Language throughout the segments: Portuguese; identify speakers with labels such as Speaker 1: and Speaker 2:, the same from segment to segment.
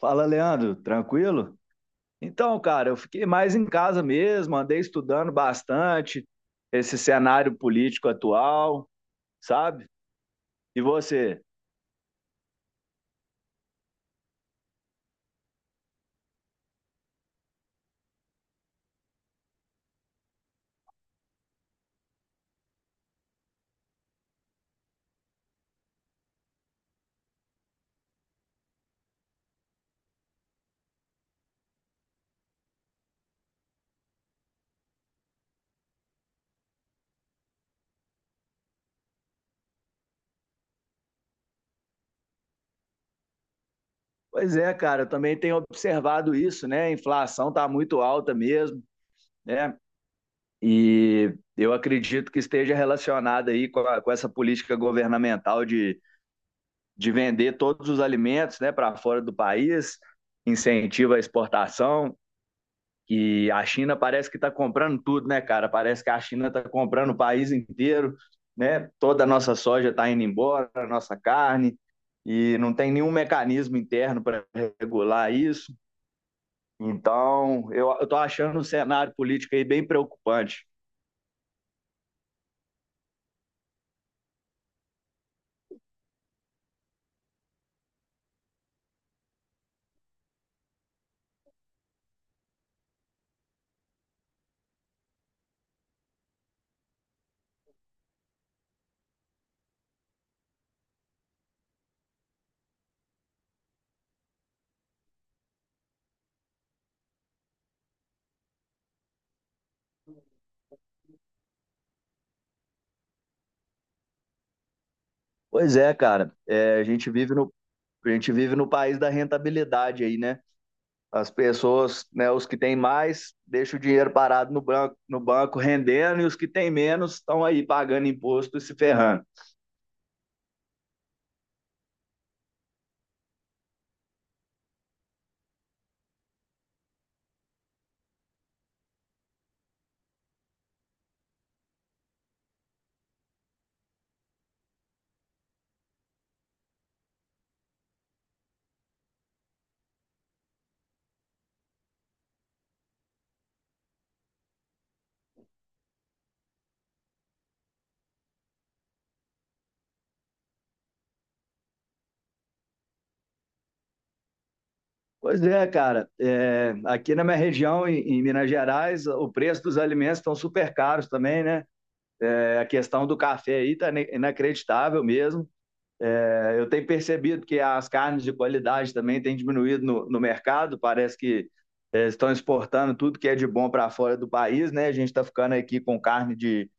Speaker 1: Fala, Leandro, tranquilo? Então, cara, eu fiquei mais em casa mesmo, andei estudando bastante esse cenário político atual, sabe? E você? Pois é, cara, eu também tenho observado isso, né? A inflação tá muito alta mesmo, né? E eu acredito que esteja relacionada aí com, com essa política governamental de vender todos os alimentos, né, para fora do país, incentiva a exportação. Que a China parece que está comprando tudo, né, cara? Parece que a China está comprando o país inteiro, né? Toda a nossa soja está indo embora, a nossa carne, e não tem nenhum mecanismo interno para regular isso. Então, eu estou achando o cenário político aí bem preocupante. Pois é, cara. É, a gente vive no país da rentabilidade aí, né? As pessoas, né, os que têm mais, deixam o dinheiro parado no banco, no banco rendendo, e os que têm menos estão aí pagando imposto e se ferrando. Pois é, cara. É, aqui na minha região, em Minas Gerais, o preço dos alimentos estão super caros também, né? É, a questão do café aí está inacreditável mesmo. É, eu tenho percebido que as carnes de qualidade também têm diminuído no mercado. Parece que é, estão exportando tudo que é de bom para fora do país, né? A gente está ficando aqui com carne de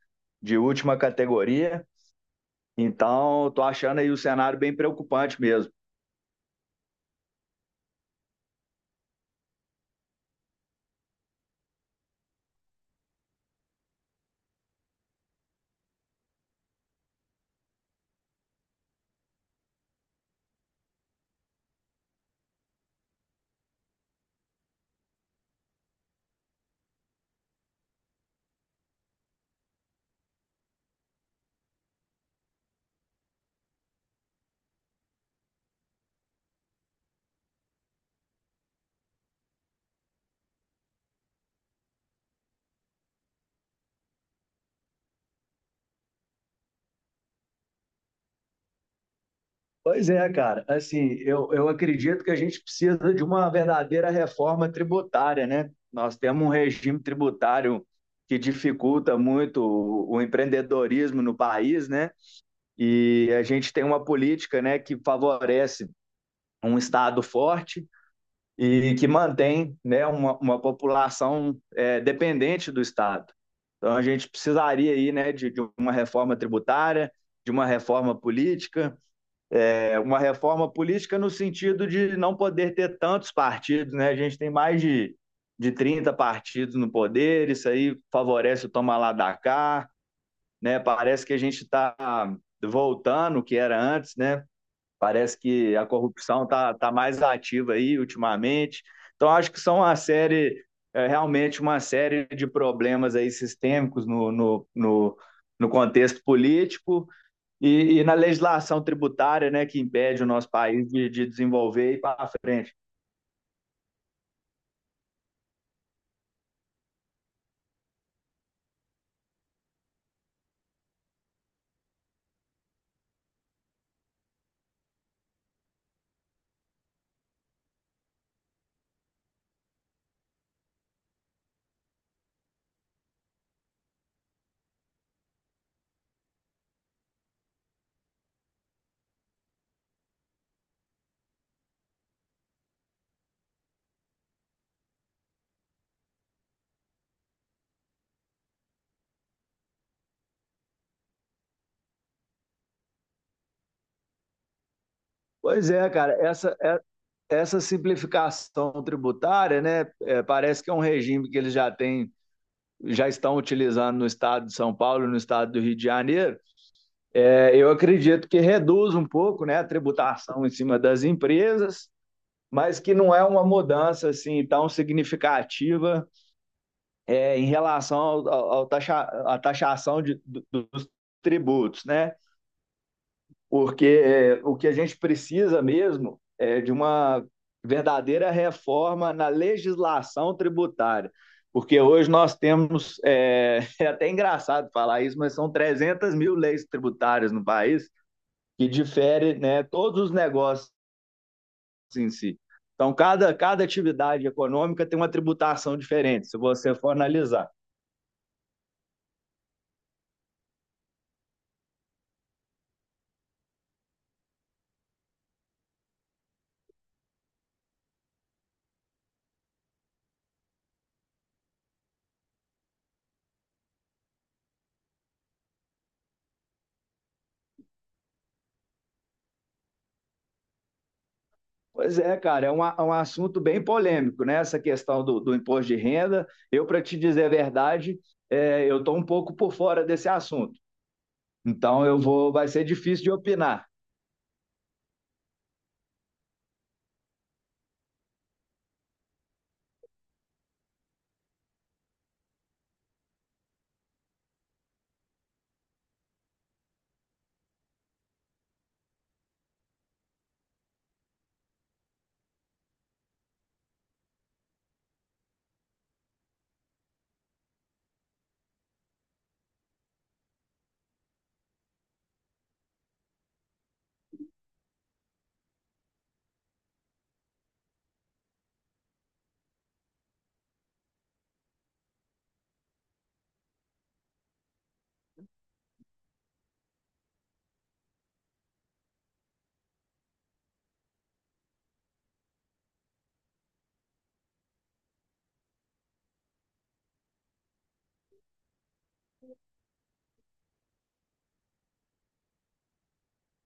Speaker 1: de última categoria. Então, estou achando aí o cenário bem preocupante mesmo. Pois é, cara. Assim, eu acredito que a gente precisa de uma verdadeira reforma tributária, né? Nós temos um regime tributário que dificulta muito o empreendedorismo no país, né? E a gente tem uma política, né, que favorece um Estado forte e que mantém né, uma população dependente do Estado. Então, a gente precisaria aí, né, de uma reforma tributária, de uma reforma política, uma reforma política no sentido de não poder ter tantos partidos. Né? A gente tem mais de 30 partidos no poder, isso aí favorece o toma lá da cá. Né? Parece que a gente está voltando o que era antes, né? Parece que a corrupção está tá mais ativa aí ultimamente. Então, acho que são uma série, realmente uma série de problemas aí sistêmicos no contexto político e na legislação tributária, né, que impede o nosso país de desenvolver e ir para frente. Pois é, cara, essa simplificação tributária, né, parece que é um regime que eles já têm, já estão utilizando no estado de São Paulo, no estado do Rio de Janeiro. É, eu acredito que reduz um pouco, né, a tributação em cima das empresas, mas que não é uma mudança assim tão significativa em relação ao, ao taxa, à taxação dos tributos, né? Porque o que a gente precisa mesmo é de uma verdadeira reforma na legislação tributária, porque hoje nós temos é até engraçado falar isso, mas são 300 mil leis tributárias no país que difere né, todos os negócios em si. Então, cada atividade econômica tem uma tributação diferente, se você for analisar. Pois é, cara, é um assunto bem polêmico, né? Essa questão do imposto de renda. Eu, para te dizer a verdade, eu estou um pouco por fora desse assunto. Então, vai ser difícil de opinar.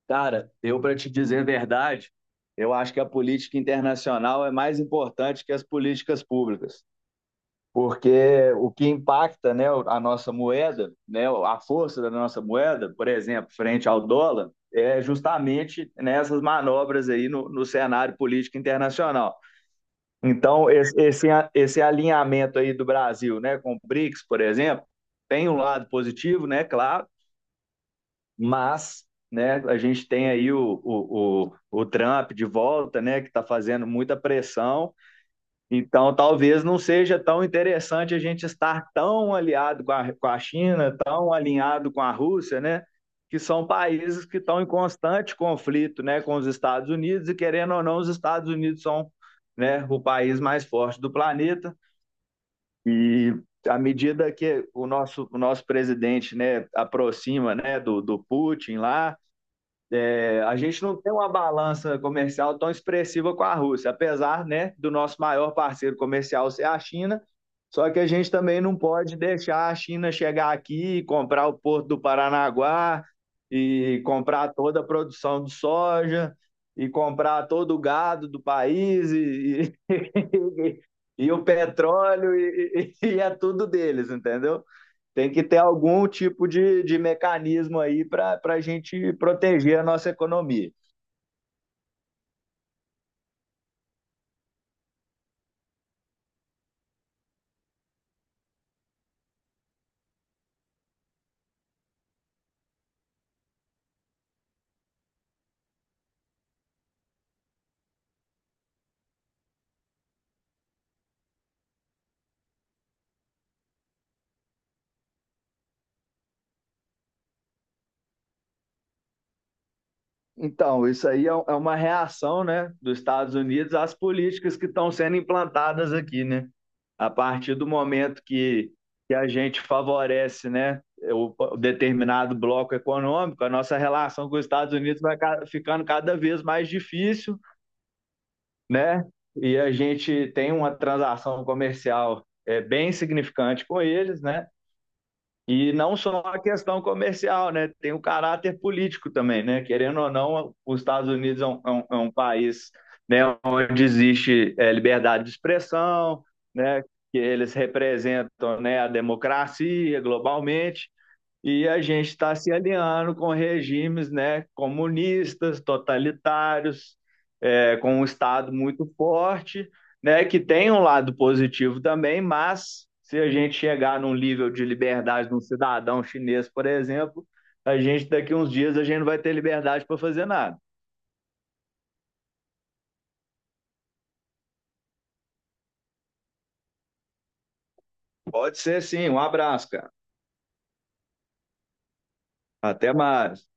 Speaker 1: Cara, eu, para te dizer a verdade, eu acho que a política internacional é mais importante que as políticas públicas. Porque o que impacta, né, a nossa moeda, né, a força da nossa moeda, por exemplo, frente ao dólar, é justamente nessas manobras aí no cenário político internacional. Então, esse alinhamento aí do Brasil, né, com o BRICS, por exemplo, tem um lado positivo, né, claro, mas né, a gente tem aí o Trump de volta, né, que está fazendo muita pressão. Então, talvez não seja tão interessante a gente estar tão aliado com a China, tão alinhado com a Rússia, né? Que são países que estão em constante conflito, né, com os Estados Unidos e querendo ou não, os Estados Unidos são, né, o país mais forte do planeta. E à medida que o nosso presidente, né, aproxima, né, do Putin lá, a gente não tem uma balança comercial tão expressiva com a Rússia, apesar, né, do nosso maior parceiro comercial ser a China. Só que a gente também não pode deixar a China chegar aqui e comprar o porto do Paranaguá e comprar toda a produção de soja e comprar todo o gado do país e o petróleo e é tudo deles, entendeu? Tem que ter algum tipo de mecanismo aí para a gente proteger a nossa economia. Então, isso aí é uma reação né, dos Estados Unidos às políticas que estão sendo implantadas aqui, né? A partir do momento que a gente favorece né, o determinado bloco econômico, a nossa relação com os Estados Unidos vai ficando cada vez mais difícil, né? E a gente tem uma transação comercial bem significante com eles, né? E não só a questão comercial, né? Tem o caráter político também, né? Querendo ou não, os Estados Unidos é um país, né, onde existe liberdade de expressão, né? Que eles representam, né, a democracia globalmente. E a gente está se alinhando com regimes, né, comunistas, totalitários, com um Estado muito forte, né, que tem um lado positivo também, mas se a gente chegar num nível de liberdade de um cidadão chinês, por exemplo, a gente daqui uns dias a gente não vai ter liberdade para fazer nada. Pode ser sim. Um abraço, cara. Até mais.